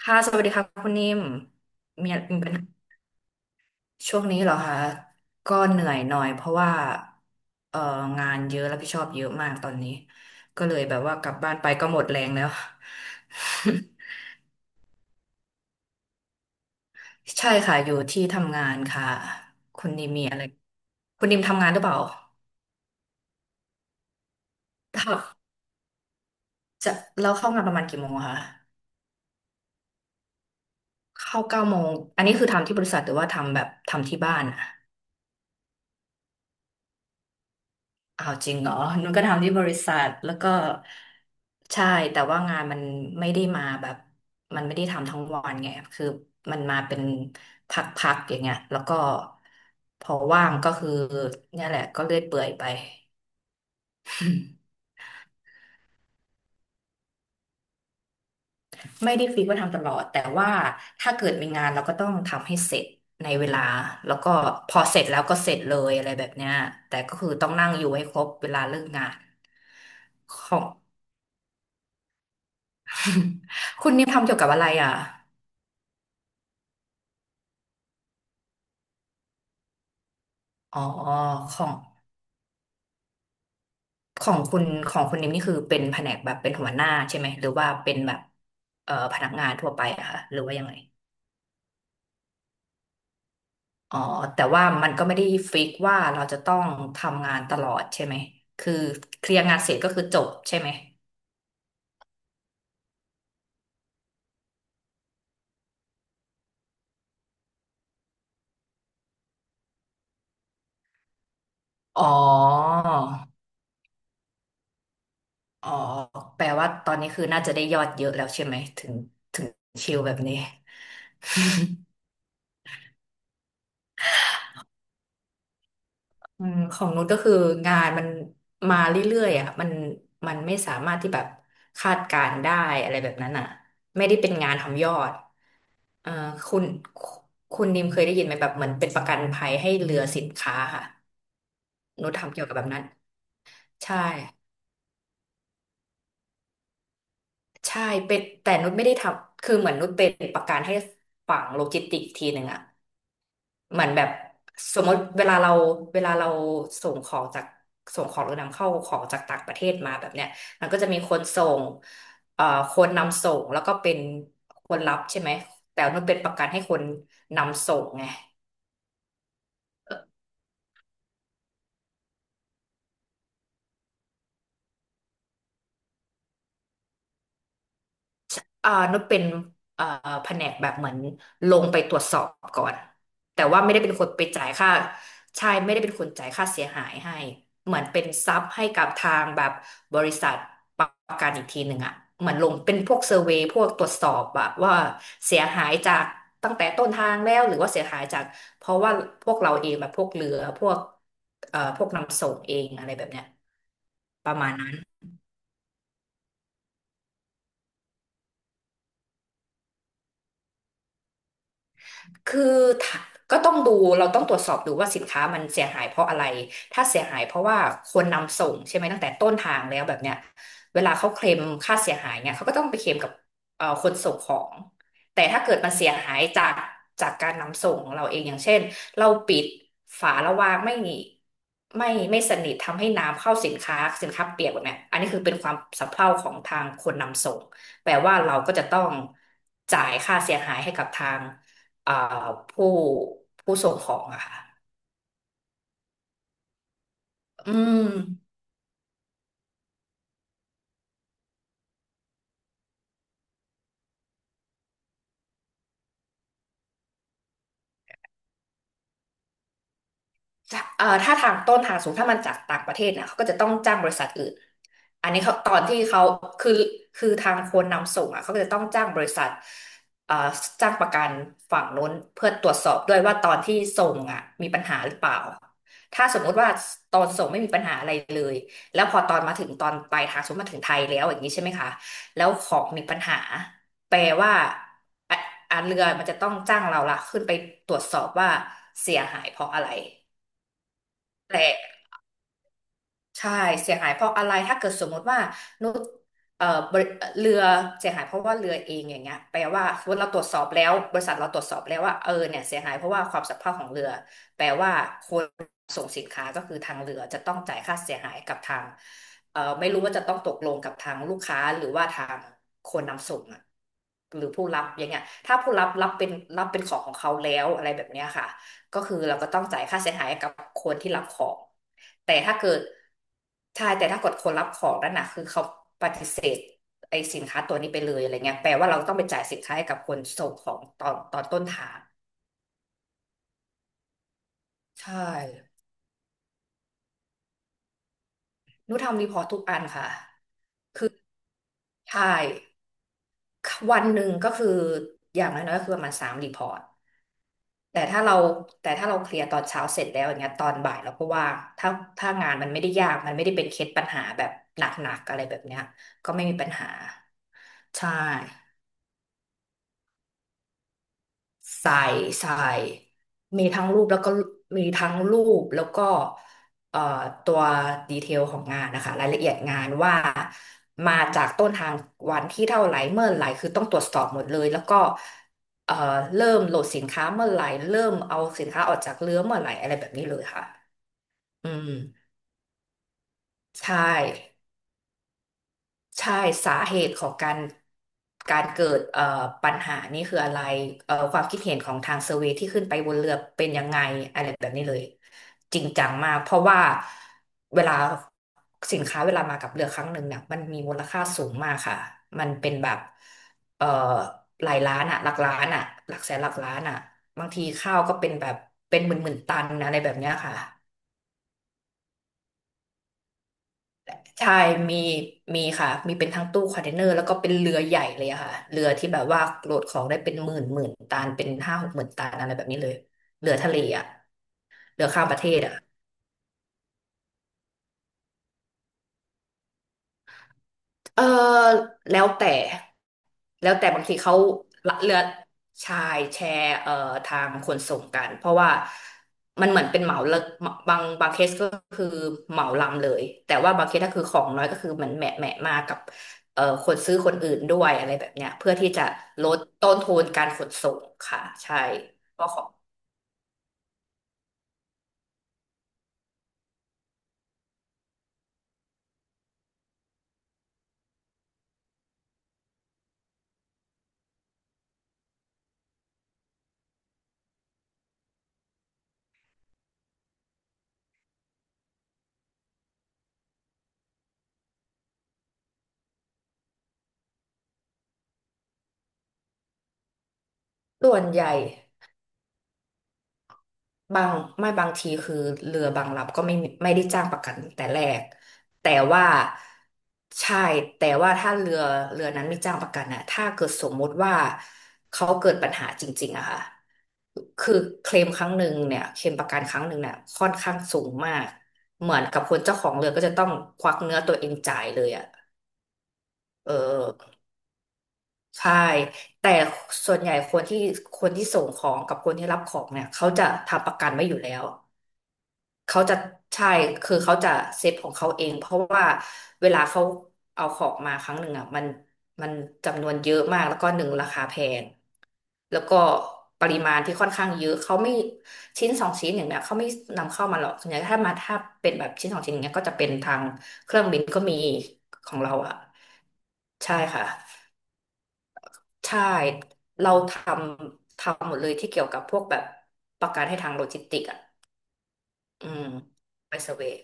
ค่ะสวัสดีค่ะคุณนิ่มมีปัญหาช่วงนี้เหรอคะก็เหนื่อยหน่อยเพราะว่าเอ่องานเยอะรับผิดชอบเยอะมากตอนนี้ก็เลยแบบว่ากลับบ้านไปก็หมดแรงแล้ว ใช่ค่ะอยู่ที่ทำงานค่ะคุณนิมมีอะไรคุณนิมทำงานหรือเปล่าถ้าจะแล้วเข้างานประมาณกี่โมงอะคะเข้าเก้าโมงอันนี้คือทำที่บริษัทหรือว่าทำแบบทำที่บ้านอะ อ้าวจริงเหรอนุ่นก็ทำที่บริษัทแล้วก็ใช่แต่ว่างานมันไม่ได้มาแบบมันไม่ได้ทำทั้งวันไงคือมันมาเป็นพักๆอย่างเงี้ยแล้วก็พอว่างก็คือเนี่ยแหละก็เลื่อยเปื่อยไปไม่ได้ฟิกว่าทำตลอดแต่ว่าถ้าเกิดมีงานเราก็ต้องทำให้เสร็จในเวลาแล้วก็พอเสร็จแล้วก็เสร็จเลยอะไรแบบเนี้ยแต่ก็คือต้องนั่งอยู่ให้ครบเวลาเลิกงานของ คุณนิวทำเกี่ยวกับอะไรอ่ะ อ๋อของของคุณนิมนี่คือเป็นแผนกแบบเป็นหัวหน้าใช่ไหมหรือว่าเป็นแบบพนักงานทั่วไปอะคะหรือว่ายังไงอ๋อแต่ว่ามันก็ไม่ได้ฟิกว่าเราจะต้องทำงานตลอดใช่ไหมคือเคลียร์งานเสร็จก็คือจบใช่ไหมอ๋ออ๋อแปลว่าตอนนี้คือน่าจะได้ยอดเยอะแล้วใช่ไหมถึงชิลแบบนี้ อืมของนุชก็คืองานมันมาเรื่อยๆอ่ะมันไม่สามารถที่แบบคาดการณ์ได้อะไรแบบนั้นอ่ะไม่ได้เป็นงานทำยอดเอ่อคุณคุณนิมเคยได้ยินไหมแบบเหมือนเป็นประกันภัยให้เรือสินค้าค่ะนุชทำเกี่ยวกับแบบนั้นใช่ใช่เป็นแต่นุชไม่ได้ทำคือเหมือนนุชเป็นประกันให้ฝั่งโลจิสติกส์ทีหนึ่งอ่ะ เหมือนแบบสมมติเวลาเราส่งของจากส่งของหรือนำเข้าของจากต่างประเทศมาแบบเนี้ยมันก็จะมีคนส่งเอ่อคนนำส่งแล้วก็เป็นคนรับใช่ไหมแต่มันเป็นประกันให้คนนำส่งไง อ่านุชเป็นเอ่อแผนกแบบเหมือนลงไปตรวจสอบก่อนแต่ว่าไม่ได้เป็นคนไปจ่ายค่าใช่ไม่ได้เป็นคนจ่ายค่าเสียหายให้เหมือนเป็นซับให้กับทางแบบบริษัทประกันอีกทีหนึ่งอะเหมือนลงเป็นพวกเซอร์เวย์พวกตรวจสอบแบบว่าเสียหายจากตั้งแต่ต้นทางแล้วหรือว่าเสียหายจากเพราะว่าพวกเราเองแบบพวกเรือพวกพวกนำส่งเองอะไรแบบเนี้ยประมาณนั้น คือถ้าก็ต้องดูเราต้องตรวจสอบดูว่าสินค้ามันเสียหายเพราะอะไรถ้าเสียหายเพราะว่าคนนำส่งใช่ไหมตั้งแต่ต้นทางแล้วแบบเนี้ยเวลาเขาเคลมค่าเสียหายเนี่ยเขาก็ต้องไปเคลมกับคนส่งของแต่ถ้าเกิดมันเสียหายจากจากการนำส่งของเราเองอย่างเช่นเราปิดฝาระวางไม่ไม่สนิททำให้น้ำเข้าสินค้าสินค้าเปียกแบบเนี้ยอันนี้คือเป็นความสะเพร่าของทางคนนำส่งแปลว่าเราก็จะต้องจ่ายค่าเสียหายให้กับทาง อ่าผู้ผู้ส่งของอะค่ะอืม ถ้าถ้าทางต้นทางสูงถ้ามันจากต่างประเทศนะเขาก็จะต้องจ้างบริษัทอื่นอันนี้เขาตอนที่เขาคือคือทางคนนำส่งอ่ะเขาก็จะต้องจ้างบริษัทเอ่อจ้างประกันฝั่งโน้นเพื่อตรวจสอบด้วยว่าตอนที่ส่งอ่ะมีปัญหาหรือเปล่าถ้าสมมุติว่าตอนส่งไม่มีปัญหาอะไรเลยแล้วพอตอนมาถึงตอนปลายทางสมมติมาถึงไทยแล้วอย่างนี้ใช่ไหมคะแล้วของมีปัญหาแปลว่าอ่ะอ่ะเรือมันจะต้องจ้างเราละขึ้นไปตรวจสอบว่าเสียหายเพราะอะไร แต่ใช่เสียหายเพราะอะไรถ้าเกิดสมมติว่านุชเอ่อบริเรือเสียหายเพราะว่าเรือเองอย่างเงี้ยแปลว่าสมมติเราตรวจสอบแล้วบริษัทเราตรวจสอบแล้วว่าเออเนี่ยเสียหายเพราะว่าความสัมพันธ์ของเรือแปลว่าคนส่งสินค้าก็คือทางเรือจะต้องจ่ายค่าเสียหายกับทางไม่รู้ว่าจะต้องตกลงกับทางลูกค้าหรือว่าทางคนนำส่งอะหรือผู้รับอย่างเงี้ยถ้าผู้รับรับเป็นรับเป็นของของเขาแล้วอะไรแบบเนี้ยค่ะ ก็คือเราก็ต้องจ่ายค่าเสียหายกับคนที่รับของ แต่ถ้าเกิดใช่แต่ถ้าเกิดคนรับของนั่นน่ะคือเขาปฏิเสธไอ้สินค้าตัวนี้ไปเลยอะไรเงี้ยแปลว่าเราต้องไปจ่ายสินค้าให้กับคนส่งของตอนต้นทางใช่หนูทำรีพอร์ตทุกอันค่ะใช่วันหนึ่งก็คืออย่างน้อยๆก็คือประมาณสามรีพอร์ต แต่ถ้าเราแต่ถ้าเราเคลียร์ตอนเช้าเสร็จแล้วอย่างเงี้ยตอนบ่ายเราก็ว่างถ้างานมันไม่ได้ยากมันไม่ได้เป็นเคสปัญหาแบบหนักๆอะไรแบบเนี้ยก็ไม่มีปัญหาใช่ ใส่ใส่มีทั้งรูปแล้วก็มีทั้งรูปแล้วก็เอ่อตัวดีเทลของงานนะคะรายละเอียดงานว่ามาจากต้นทางวันที่เท่าไหร่เมื่อไหร่คือต้องตรวจสอบหมดเลยแล้วก็เอ่อเริ่มโหลดสินค้าเมื่อไหร่เริ่มเอาสินค้าออกจากเรือเมื่อไหร่อะไรแบบนี้เลยค่ะอืมใช่ ใช่สาเหตุของการเกิดปัญหานี่คืออะไรความคิดเห็นของทางเซอร์เวย์ที่ขึ้นไปบนเรือเป็นยังไงอะไรแบบนี้เลยจริงจังมากเพราะว่าเวลาสินค้าเวลามากับเรือครั้งหนึ่งเนี่ยมันมีมูลค่าสูงมากค่ะมันเป็นแบบเอ่อหลายล้านอะหลักล้านอะหลักแสนหลักล้านอะบางทีข้าวก็เป็นแบบเป็นหมื่นหมื่นตันนะอะไรแบบเนี้ยค่ะ ใช่มีมีค่ะ มีเป็นทั้งตู้คอนเทนเนอร์แล้วก็เป็นเรือใหญ่เลยอะค่ะเรือที่แบบว่าโหลดของได้เป็นหมื่นหมื่นตันเป็นห้าหกหมื่นตันอะไรแบบนี้เลยเรือทะเลอะเรือข้ามประเทศอะ เออแล้วแต่แล้วแต่บางทีเขาละเลือดชายแชร์ทางขนส่งกันเพราะว่ามันเหมือนเป็นเหมาเลิกบางบางเคสก็คือเหมาลำเลยแต่ว่าบางเคสถ้าคือของน้อยก็คือเหมือนแหมะแหมะมากับคนซื้อคนอื่นด้วยอะไรแบบเนี้ยเพื่อที่จะลดต้นทุนการขนส่งค่ะใช่เพราะของส่วนใหญ่ บางไม่บางทีคือเรือบางลำก็ไม่มีไม่ได้จ้างประกันแต่แรกแต่ว่าใช่แต่ว่าถ้าเรือเรือนั้นไม่จ้างประกันอะถ้าเกิดสมมติว่าเขาเกิดปัญหาจริงๆอะค่ะคือเคลมครั้งหนึ่งเนี่ยเคลมประกันครั้งหนึ่งเนี่ยค่อนข้างสูงมากเหมือนกับคนเจ้าของเรือก็จะต้องควักเนื้อตัวเองจ่ายเลยอะเออใช่แต่ส่วนใหญ่คนที่ส่งของกับคนที่รับของเนี่ยเขาจะทำประกันไว้อยู่แล้ว เขาจะใช่คือเขาจะเซฟของเขาเองเพราะว่าเวลาเขาเอาของมาครั้งหนึ่งอ่ะมันจำนวนเยอะมากแล้วก็หนึ่งราคาแพงแล้วก็ปริมาณที่ค่อนข้างเยอะเขาไม่ชิ้นสองชิ้นอย่างเนี้ยเขาไม่นำเข้ามาหรอกส่วนใหญ่ถ้ามาถ้าเป็นแบบชิ้นสองชิ้นอย่างเงี้ยก็จะเป็นทางเครื่องบินก็มีของเราอ่ะใช่ค่ะใช่เราทำทำหมดเลยที่เกี่ยวกับพวกแบบประกันให้ทางโลจิสติกอ่ะอืมไปเซอร์เวย์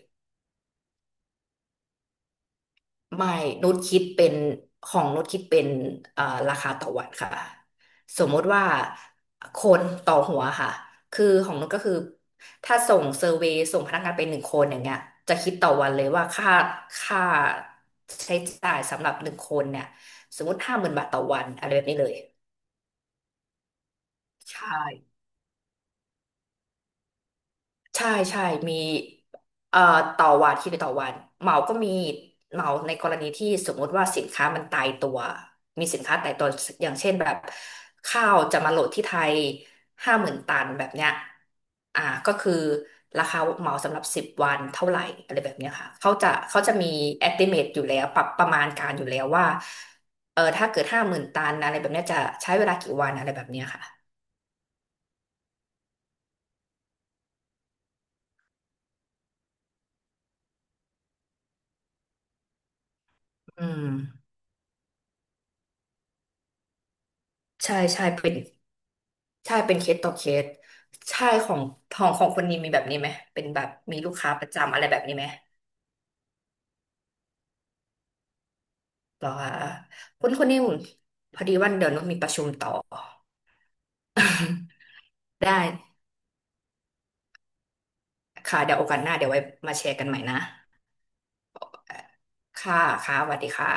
ไม่นุชคิดเป็นของนุชคิดเป็นเอ่อราคาต่อวันค่ะ สมมติว่าคนต่อหัวค่ะ คือของนุชก็คือถ้าส่งเซอร์เวย์ส่งพนักงานไปหนึ่งคนอย่างเงี้ยจะคิดต่อวันเลยว่าค่าใช้จ่ายสำหรับหนึ่งคนเนี่ยสมมติห้าหมื่นบาทต่อวันอะไรแบบนี้เลยใช่ ใช่ใช่มีเอ่อต่อวันคิดเป็นต่อวันเหมาก็มีเหมาในกรณีที่สมมติว่าสินค้ามันตายตัวมีสินค้าตายตัวอย่างเช่นแบบข้าวจะมาโหลดที่ไทยห้าหมื่นตันแบบเนี้ยอ่าก็คือราคาเหมาสำหรับสิบวันเท่าไหร่อะไรแบบเนี้ยค่ะเขาจะมี estimate อยู่แล้วปรับประมาณการอยู่แล้วว่าเออถ้าเกิดห้าหมื่นตันอะไรแบบเนี้ยจะใช้เวลากี่วันอะไรแบบเนี้ยค่ะอืมใช่ใช่เป็น ใช่เป็นเคสต่อเคสใช่ของของคนนี้มีแบบนี้ไหมเป็นแบบมีลูกค้าประจำอะไรแบบนี้ไหมบอกว่าคุณนิ่มพอดีวันเดี๋ยวนุชมีประชุมต่อ ได้ค่ะเดี๋ยวโอกาสหน้าเดี๋ยวไว้มาแชร์กันใหม่นะค่ะค่ะสวัสดีค่ะ